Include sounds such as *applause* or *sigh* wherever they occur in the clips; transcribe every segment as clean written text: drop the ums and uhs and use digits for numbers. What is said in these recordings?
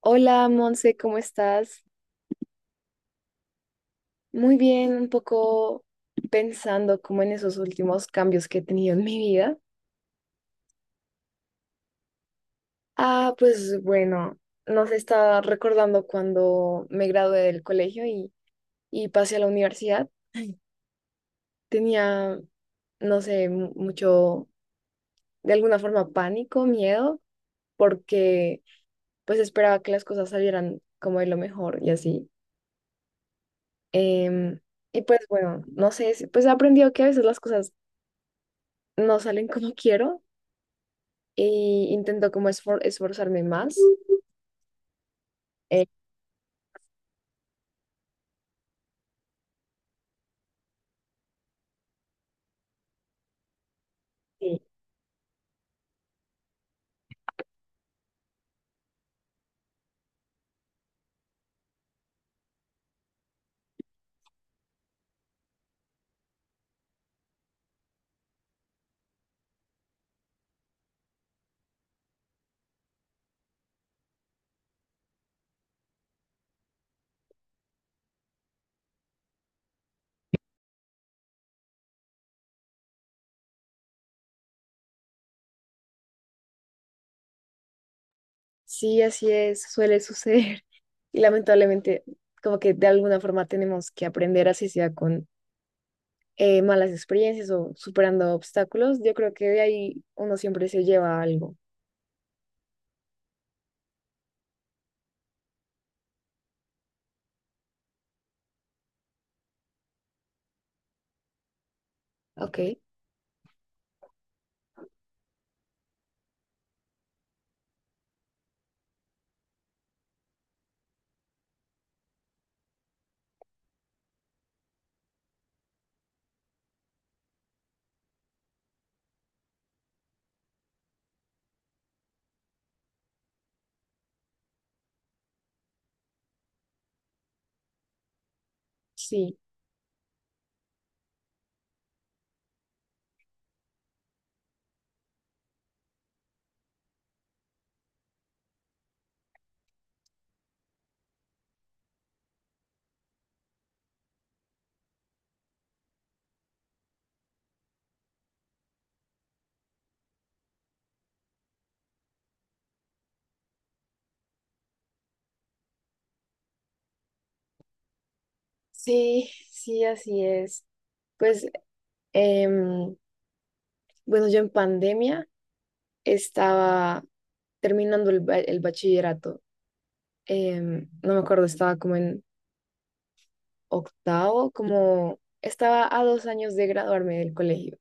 Hola, Monse, ¿cómo estás? Muy bien, un poco pensando como en esos últimos cambios que he tenido en mi vida. Ah, pues bueno, no se está recordando cuando me gradué del colegio y pasé a la universidad. Tenía, no sé, mucho, de alguna forma, pánico, miedo, porque pues esperaba que las cosas salieran como de lo mejor y así. Em, y pues bueno, no sé, pues he aprendido que a veces las cosas no salen como *laughs* quiero y intento como esforzarme más. Eh, sí, sí, así es, suele suceder. *laughs* Y lamentablemente, como que de alguna forma tenemos que aprender, así sea con malas experiencias o superando obstáculos. Yo creo que de ahí uno siempre se lleva algo. Ok, sí, sí, sí, así es. Pues, em, bueno, yo en pandemia estaba terminando el bachillerato. No me acuerdo, estaba como en octavo, como estaba a dos años de graduarme del colegio.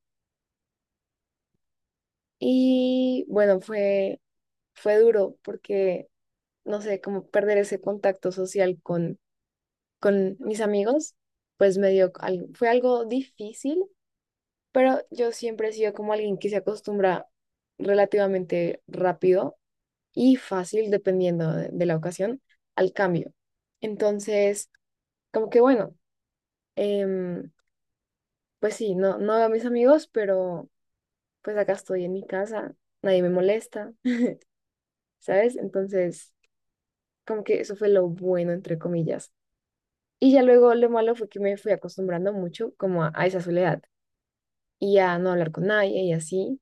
Y bueno, fue duro porque, no sé, como perder ese contacto social con mis amigos, pues me dio, fue algo difícil, pero yo siempre he sido como alguien que se acostumbra relativamente rápido y fácil, dependiendo de la ocasión, al cambio. Entonces, como que bueno. em, Pues sí, no, no veo a mis amigos, pero pues acá estoy en mi casa, nadie me molesta, ¿sabes? Entonces, como que eso fue lo bueno, entre comillas. Y ya luego lo malo fue que me fui acostumbrando mucho como a esa soledad y a no hablar con nadie y así.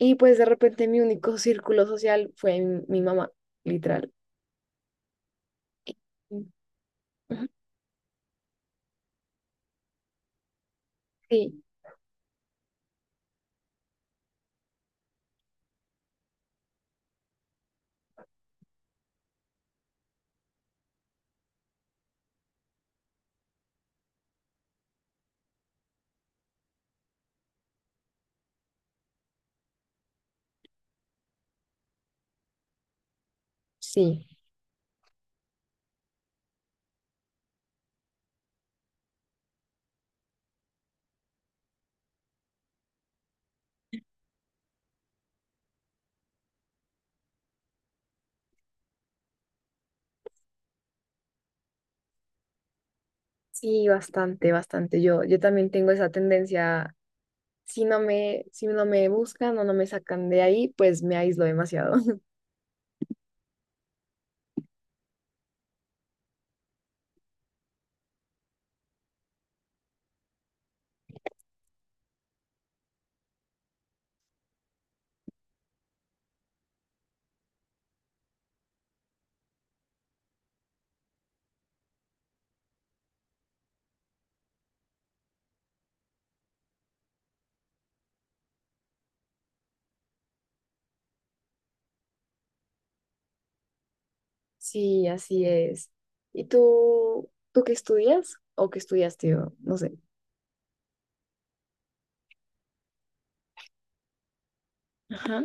Y pues de repente mi único *laughs* círculo social fue mi mamá, literal. Mm. Ujú. Sí, sí, sí, bastante, bastante. Yo también tengo esa tendencia, si no me buscan o no me sacan de ahí, pues me aíslo demasiado. Sí, así es. ¿Y tú qué estudias o qué estudiaste? O, no sé. Ajá.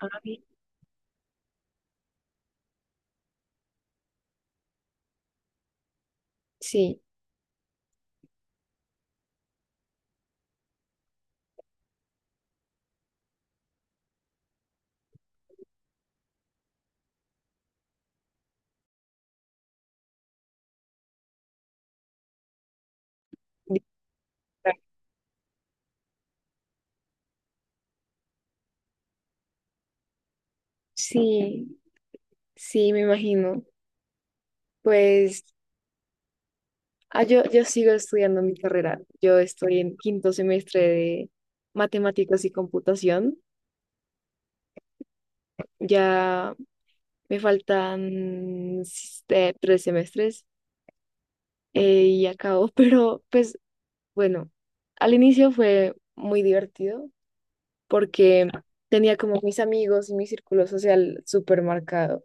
Ah, bien. Sí. Distrae. Sí, sí, me imagino. Pues ah, yo sigo estudiando mi carrera. Yo estoy en quinto semestre de matemáticas y computación. Ya me faltan tres semestres y acabo, *laughs* pero pues bueno, al inicio fue muy divertido porque tenía como mis amigos y mi círculo social súper marcado.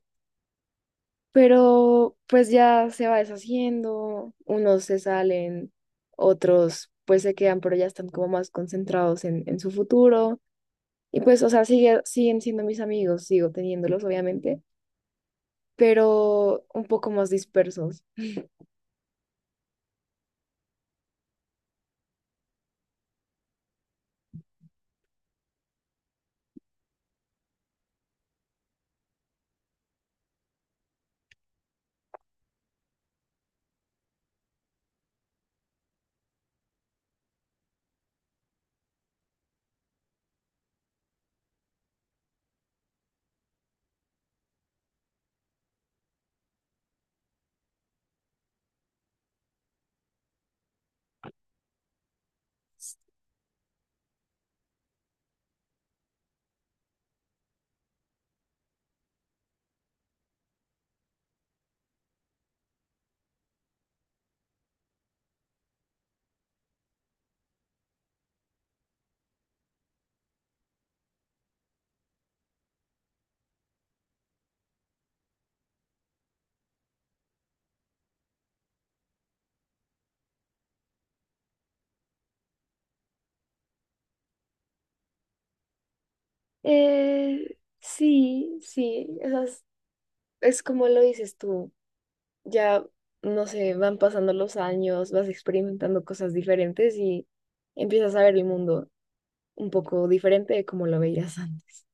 Pero pues ya se va deshaciendo, unos se salen, otros pues se quedan, pero ya están como más concentrados en su futuro. Y pues, o sea, siguen siendo mis amigos, sigo teniéndolos, obviamente, pero un poco más dispersos. Sí, sí, esas, es como lo dices tú. Ya, no sé, van pasando los años, vas experimentando cosas diferentes y empiezas a ver el mundo un poco diferente de como lo veías antes.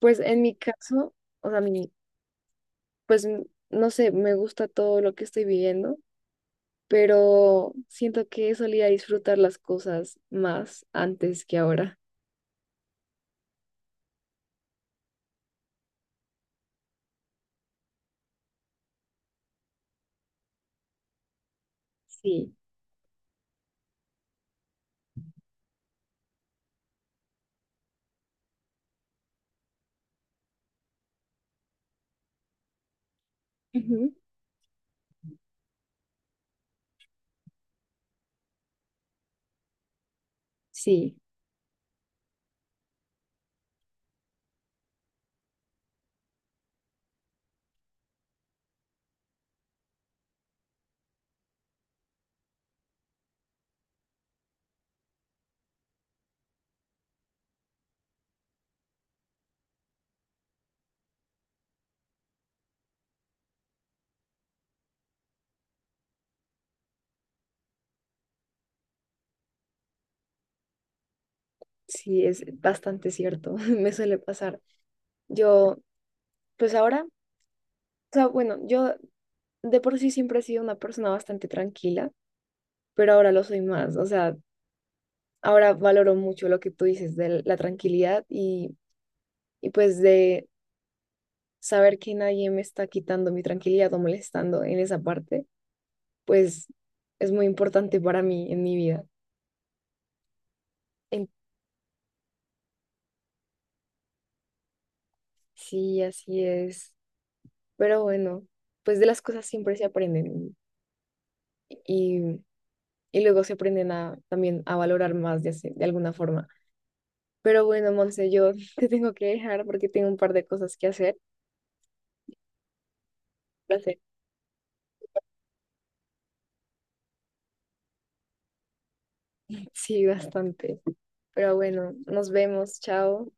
Pues en mi caso, o sea, mi, pues no sé, me gusta todo lo que estoy viviendo, pero siento que solía disfrutar las cosas más antes que ahora. Sí, Ujú. Sí, sí, es bastante cierto, *laughs* me suele pasar. Yo, pues ahora, o sea, bueno, yo de por sí siempre he sido una persona bastante tranquila, pero ahora lo soy más. O sea, ahora valoro mucho lo que tú dices de la tranquilidad y pues de saber que nadie me está quitando mi tranquilidad o molestando en esa parte, pues es muy importante para mí en mi vida. En- sí, así es. Pero bueno, pues de las cosas siempre se aprenden y, y luego se aprenden a, también a valorar más de, de alguna forma. Pero bueno, Monse, yo *laughs* te tengo que dejar porque tengo un par de cosas que hacer. Placer. Sí, bastante. Pero bueno, nos vemos. Chao.